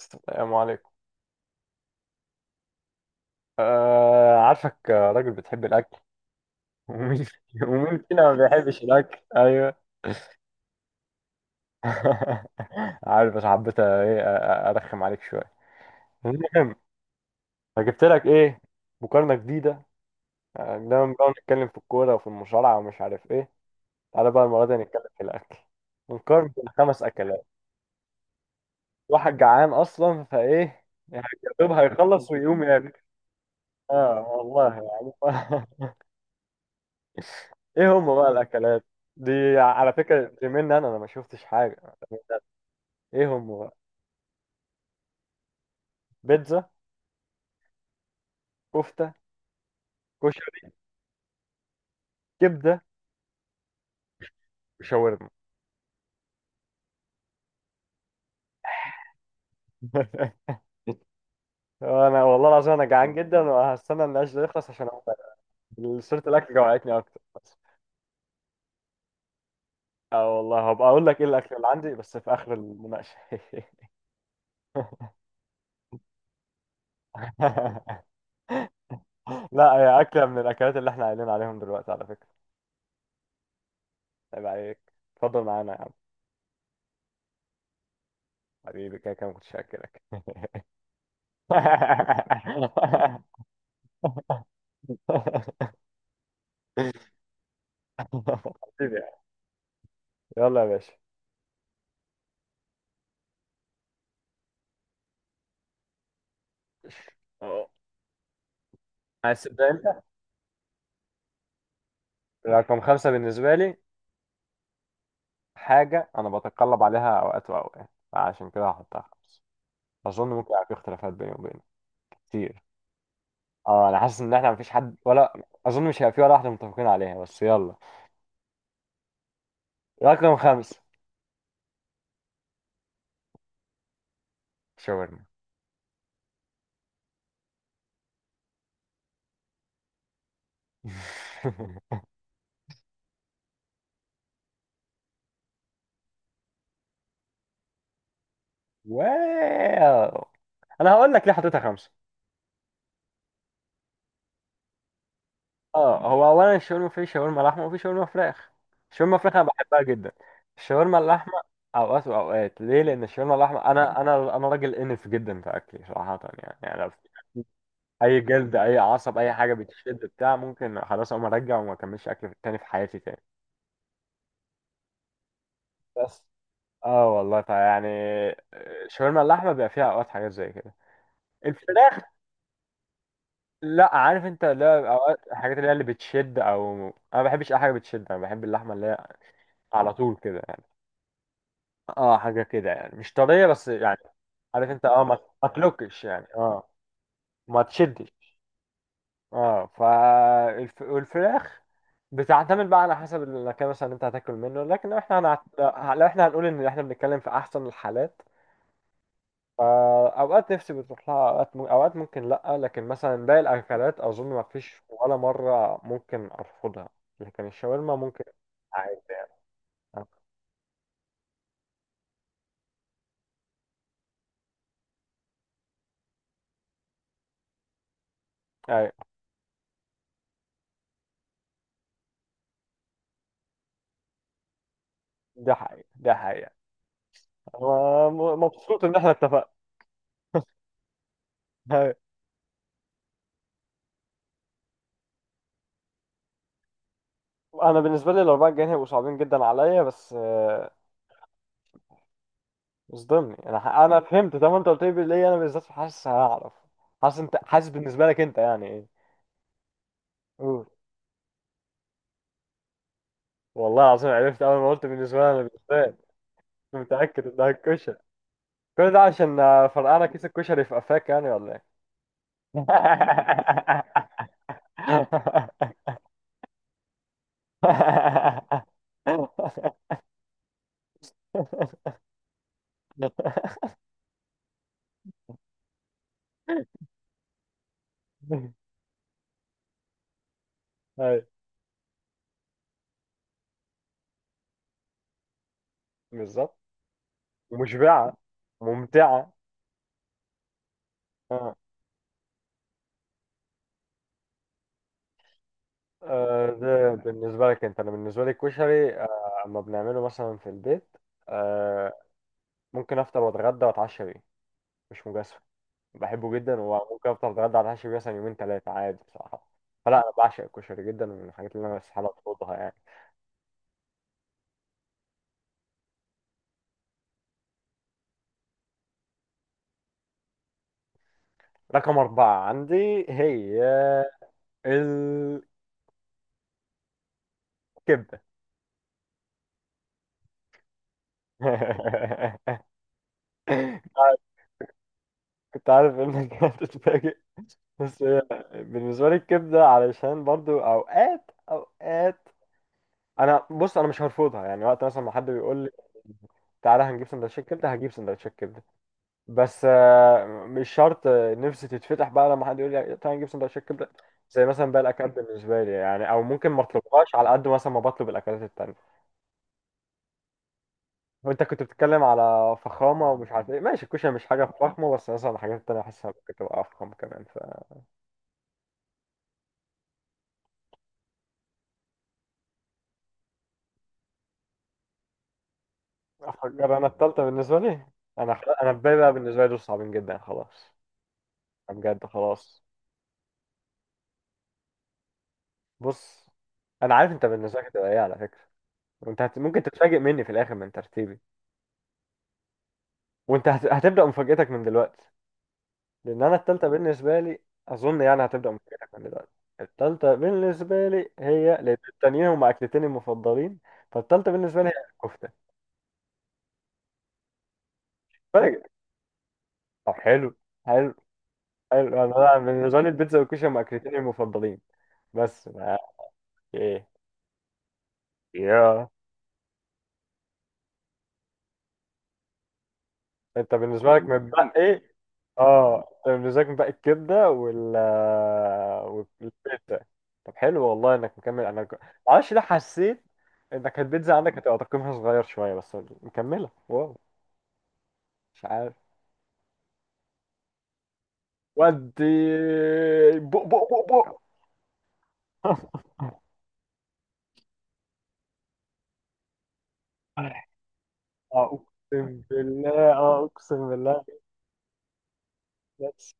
السلام عليكم. عارفك، راجل بتحب الأكل. ومين ومين فينا ما بيحبش الأكل؟ أيوه. عارف، بس حبيت إيه أرخم عليك شوية. المهم، فجبت لك إيه؟ مقارنة جديدة. دايما بقى نتكلم في الكورة وفي المصارعة ومش عارف إيه. تعالى بقى المرة دي نتكلم في الأكل ونقارن بين خمس أكلات. واحد جعان أصلا فإيه يعني، يا دوب هيخلص ويقوم ياكل. آه والله يعني. ايه هم بقى الاكلات دي؟ على فكره دي مني، انا ما شفتش حاجه. ايه هم بقى؟ بيتزا، كفته، كشري، كبده، وشاورما. انا والله العظيم انا جعان جدا، وهستنى النقاش ده يخلص عشان اقوم. صورة الاكل جوعتني اكتر بس. اه والله هبقى اقول لك ايه الاكل اللي عندي بس في اخر المناقشه. لا هي اكله من الاكلات اللي احنا قايلين عليهم دلوقتي على فكره. عيب عليك، اتفضل معانا يا عم. حبيبي كده كده ما كنتش هاكلك. حبيبي يعني. يلا يا باشا. اه، عايز تبدا انت؟ رقم خمسة بالنسبة لي حاجة أنا بتقلب عليها أوقات وأوقات، فعشان كده هحطها خمسة. أظن ممكن يبقى في اختلافات بيني وبينك كتير. أه، أنا حاسس إن إحنا مفيش حد ولا. أظن مش هيبقى في ولا واحدة متفقين عليها، بس يلا. رقم خمسة شاورما. واو. أنا هقول لك ليه حطيتها خمسة. اه، هو اولا الشاورما في شاورما لحمه وفي شاورما فراخ. الشاورما فراخ انا بحبها جدا. الشاورما اللحمه اوقات واوقات. ليه؟ لان الشاورما اللحمه انا راجل انف جدا في اكلي صراحه، يعني لو في اي جلد، اي عصب، اي حاجه بتشد بتاع، ممكن خلاص اقوم ارجع وما اكملش اكل تاني في حياتي تاني. بس اه والله فيعني شاورما اللحمه بيبقى فيها اوقات حاجات زي كده. الفراخ، لا عارف انت، لا اوقات الحاجات اللي هي اللي بتشد او، انا ما بحبش اي حاجه بتشد. انا بحب اللحمه اللي هي على طول كده يعني. اه حاجه كده يعني، مش طريه بس يعني. عارف انت، اه، ما تلوكش يعني، اه ما تشدش. اه والفراخ بتعتمد بقى على حسب المكان مثلا اللي انت هتاكل منه. لكن لو احنا لو احنا هنقول ان احنا بنتكلم في احسن الحالات، فاوقات نفسي بتروح لها، اوقات اوقات ممكن لا. لكن مثلا باقي الاكلات اظن ما فيش ولا مره ممكن ارفضها، لكن الشاورما ممكن. عادي يعني. آه، ايوه، ده حقيقي ده حقيقي. أنا مبسوط ان احنا اتفقنا. انا بالنسبه لي الاربعه الجايين هيبقوا صعبين جدا عليا، بس مش ضمني. انا فهمت. طب انت قلت لي ليه انا بالذات؟ حاسس هعرف، حاسس انت، حاسس بالنسبه لك انت يعني ايه؟ قول. والله العظيم عرفت اول ما قلت بالنسبه لي انا بالذات، كنت متاكد انها الكشري. كل ده عشان فرقعنا كيس الكشري في قفاك يعني ولا ايه؟ أيوة. بالظبط، مشبعه، ممتعه. ده بالنسبة لك انت. انا بالنسبة لي الكشري، اما بنعمله مثلا في البيت، آه، ممكن افطر واتغدى واتعشى بيه، مش مجازفة. بحبه جدا، وممكن افطر اتغدى واتعشى بيه مثلا يومين ثلاثة عادي بصراحة. فلا انا بعشق الكشري جدا، ومن الحاجات اللي انا استحالة اطردها يعني. رقم أربعة عندي هي الكبدة. كنت عارف انك هتتفاجئ. بس هي بالنسبة لي الكبدة علشان برضو اوقات اوقات. انا بص انا مش هرفضها يعني، وقت مثلا ما حد بيقول لي تعالى هنجيب سندوتشات كبده، هجيب سندوتشات كبده. بس مش شرط نفسي تتفتح بقى لما حد يقول لي تعالى نجيب سندوتشات كبده زي مثلا بقى الاكلات بالنسبه لي يعني، او ممكن ما اطلبهاش على قد مثلا ما بطلب الاكلات التانيه. وانت كنت بتتكلم على فخامه ومش عارف ايه، ماشي الكشري مش حاجه فخمه، بس مثلا الحاجات التانيه حاسسها ممكن تبقى افخم كمان، ف افكر انا التالته بالنسبه لي. انا الباقي بقى بالنسبه لي دول صعبين جدا خلاص، بجد خلاص. بص، انا عارف انت بالنسبه لك هتبقى ايه على فكره. ممكن تتفاجئ مني في الاخر من ترتيبي. هتبدا مفاجاتك من دلوقتي، لان انا التالتة بالنسبه لي، اظن يعني هتبدا مفاجاتك من دلوقتي. التالتة بالنسبه لي هي، لان التانيين هما اكلتين المفضلين، فالتالتة بالنسبه لي هي الكفته. فاجئ. طب حلو، حلو، حلو. انا، أنا بالنسبه لي البيتزا والكشري هما اكلتين المفضلين، بس ما... ايه يا. انت بالنسبه لك متبقي اه مزاج بقى الكبده وال، والبيتزا. طب حلو، والله انك مكمل، انا معرفش ليه حسيت انك البيتزا عندك هتبقى تقييمها صغير شويه، بس مكمله، واو. مش عارف. ودي، بق. اقسم بالله، اه اقسم بالله. بس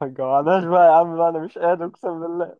ما تجوعناش بقى يا عم بقى، انا مش قادر اقسم بالله.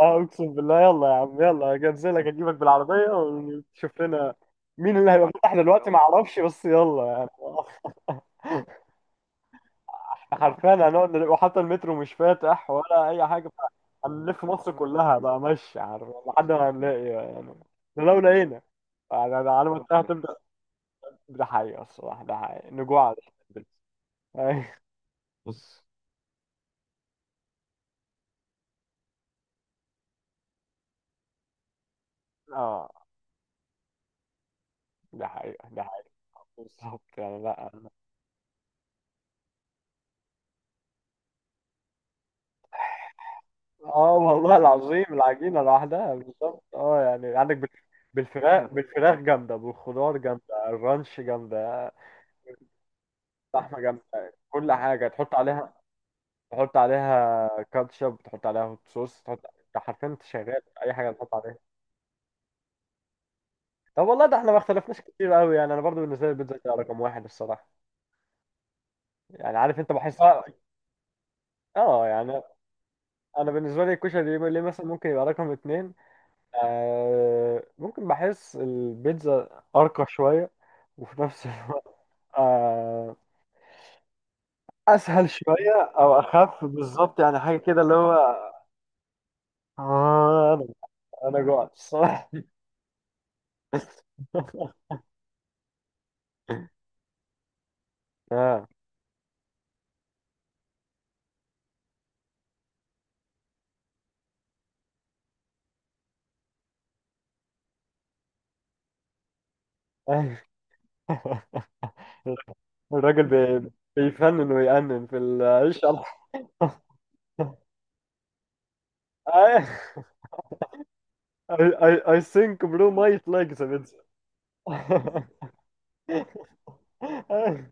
اه اقسم بالله، يلا يا عم، يلا هنزلك اجيبك بالعربيه ونشوف لنا. مين اللي هيبقى فاتح دلوقتي ما اعرفش، بس يلا يعني. حرفيا هنقعد وحتى المترو مش فاتح ولا اي حاجه. هنلف مصر كلها بقى، ماشي عارف لحد ما هنلاقي يعني، ده لو لقينا يعني. أنا على ما انتهى تبدا. ده حقيقه الصراحه، ده حقيقه نجوع على الشعب. أي. بص. اه ده حقيقه ده حقيقه. بالظبط يعني، لا اه والله العظيم العجينة لوحدها بالظبط، اه يعني عندك بالفراخ، بالفراخ جامدة، بالخضار جامدة، الرانش جامدة، اللحمة جامدة، كل حاجة تحط عليها. تحط عليها كاتشب، تحط عليها هوت صوص، تحط انت حرفيا، انت شغال أي حاجة تحط عليها. طب والله ده احنا ما اختلفناش كتير قوي يعني، انا برضو بالنسبة لي البيتزا هي رقم واحد الصراحة. يعني عارف انت، بحسها، اه يعني، انا بالنسبة لي الكشري ليه مثلا ممكن يبقى رقم اتنين؟ آه ممكن بحس البيتزا أرقى شوية، وفي نفس الوقت، آه أسهل شوية أو أخف بالظبط يعني، حاجة كده اللي هو، آه. أنا، أنا جوعت الصراحة. آه. أيوه. الراجل بيفنن ويأنن في العيش. أيوه. I, I, I think bro might like the pizza.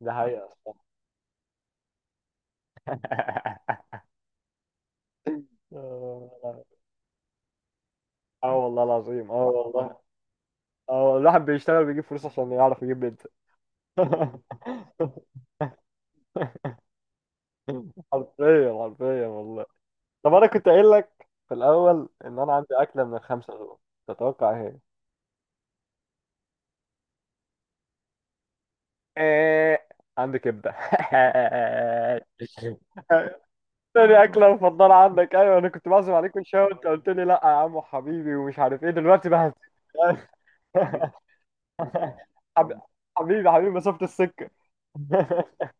ده حقيقة. الصراحة. آه والله العظيم، اه والله. اه الواحد بيشتغل بيجيب فلوس عشان يعرف يجيب بيتزا. حرفيا حرفيا والله. طب انا كنت قايل لك في الاول ان انا عندي اكله من الخمسه دول، تتوقع ايه؟ هي؟ عندي كبده. تاني اكله مفضله عندك؟ ايوه انا كنت بعزم عليك من شويه، وانت قلت لي لا يا عم حبيبي ومش عارف ايه، دلوقتي بهز. حبيبي، حبيبي، حبيبي، مسافه السكه.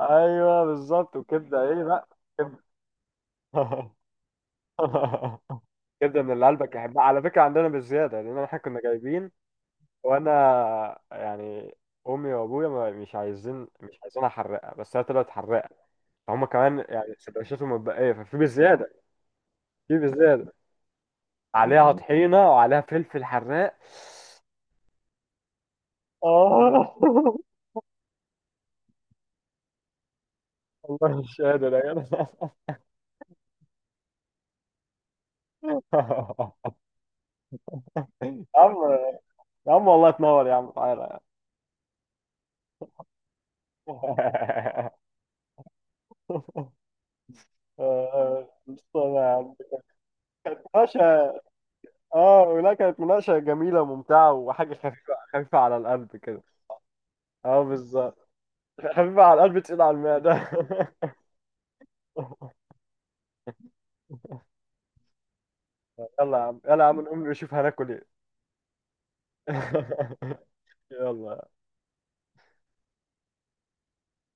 ايوه بالظبط. وكبده ايه لا، كبده. كبده، من اللي قلبك يحبها على فكره، عندنا بالزياده لان احنا كنا جايبين، وانا يعني امي وابويا مش عايزين احرقها، بس هي طلعت حراقه. فهم كمان يعني سندوتشاتهم متبقيه ففي بالزياده، في بالزياده، عليها طحينه وعليها فلفل حراق. اه. والله مش قادر يا جدع. يا عم، يا عم والله تنور يا عم، تعالى يا عم. مصطفى يا عم. ماشي. اه لا، كانت مناقشة جميلة وممتعة، وحاجة خفيفة خفيفة على القلب كده. اه بالظبط. خفيفة على القلب، تقيلة على المعدة. يلا يا عم، يلا يا عم، نقوم نشوف هناكل ايه. يلا.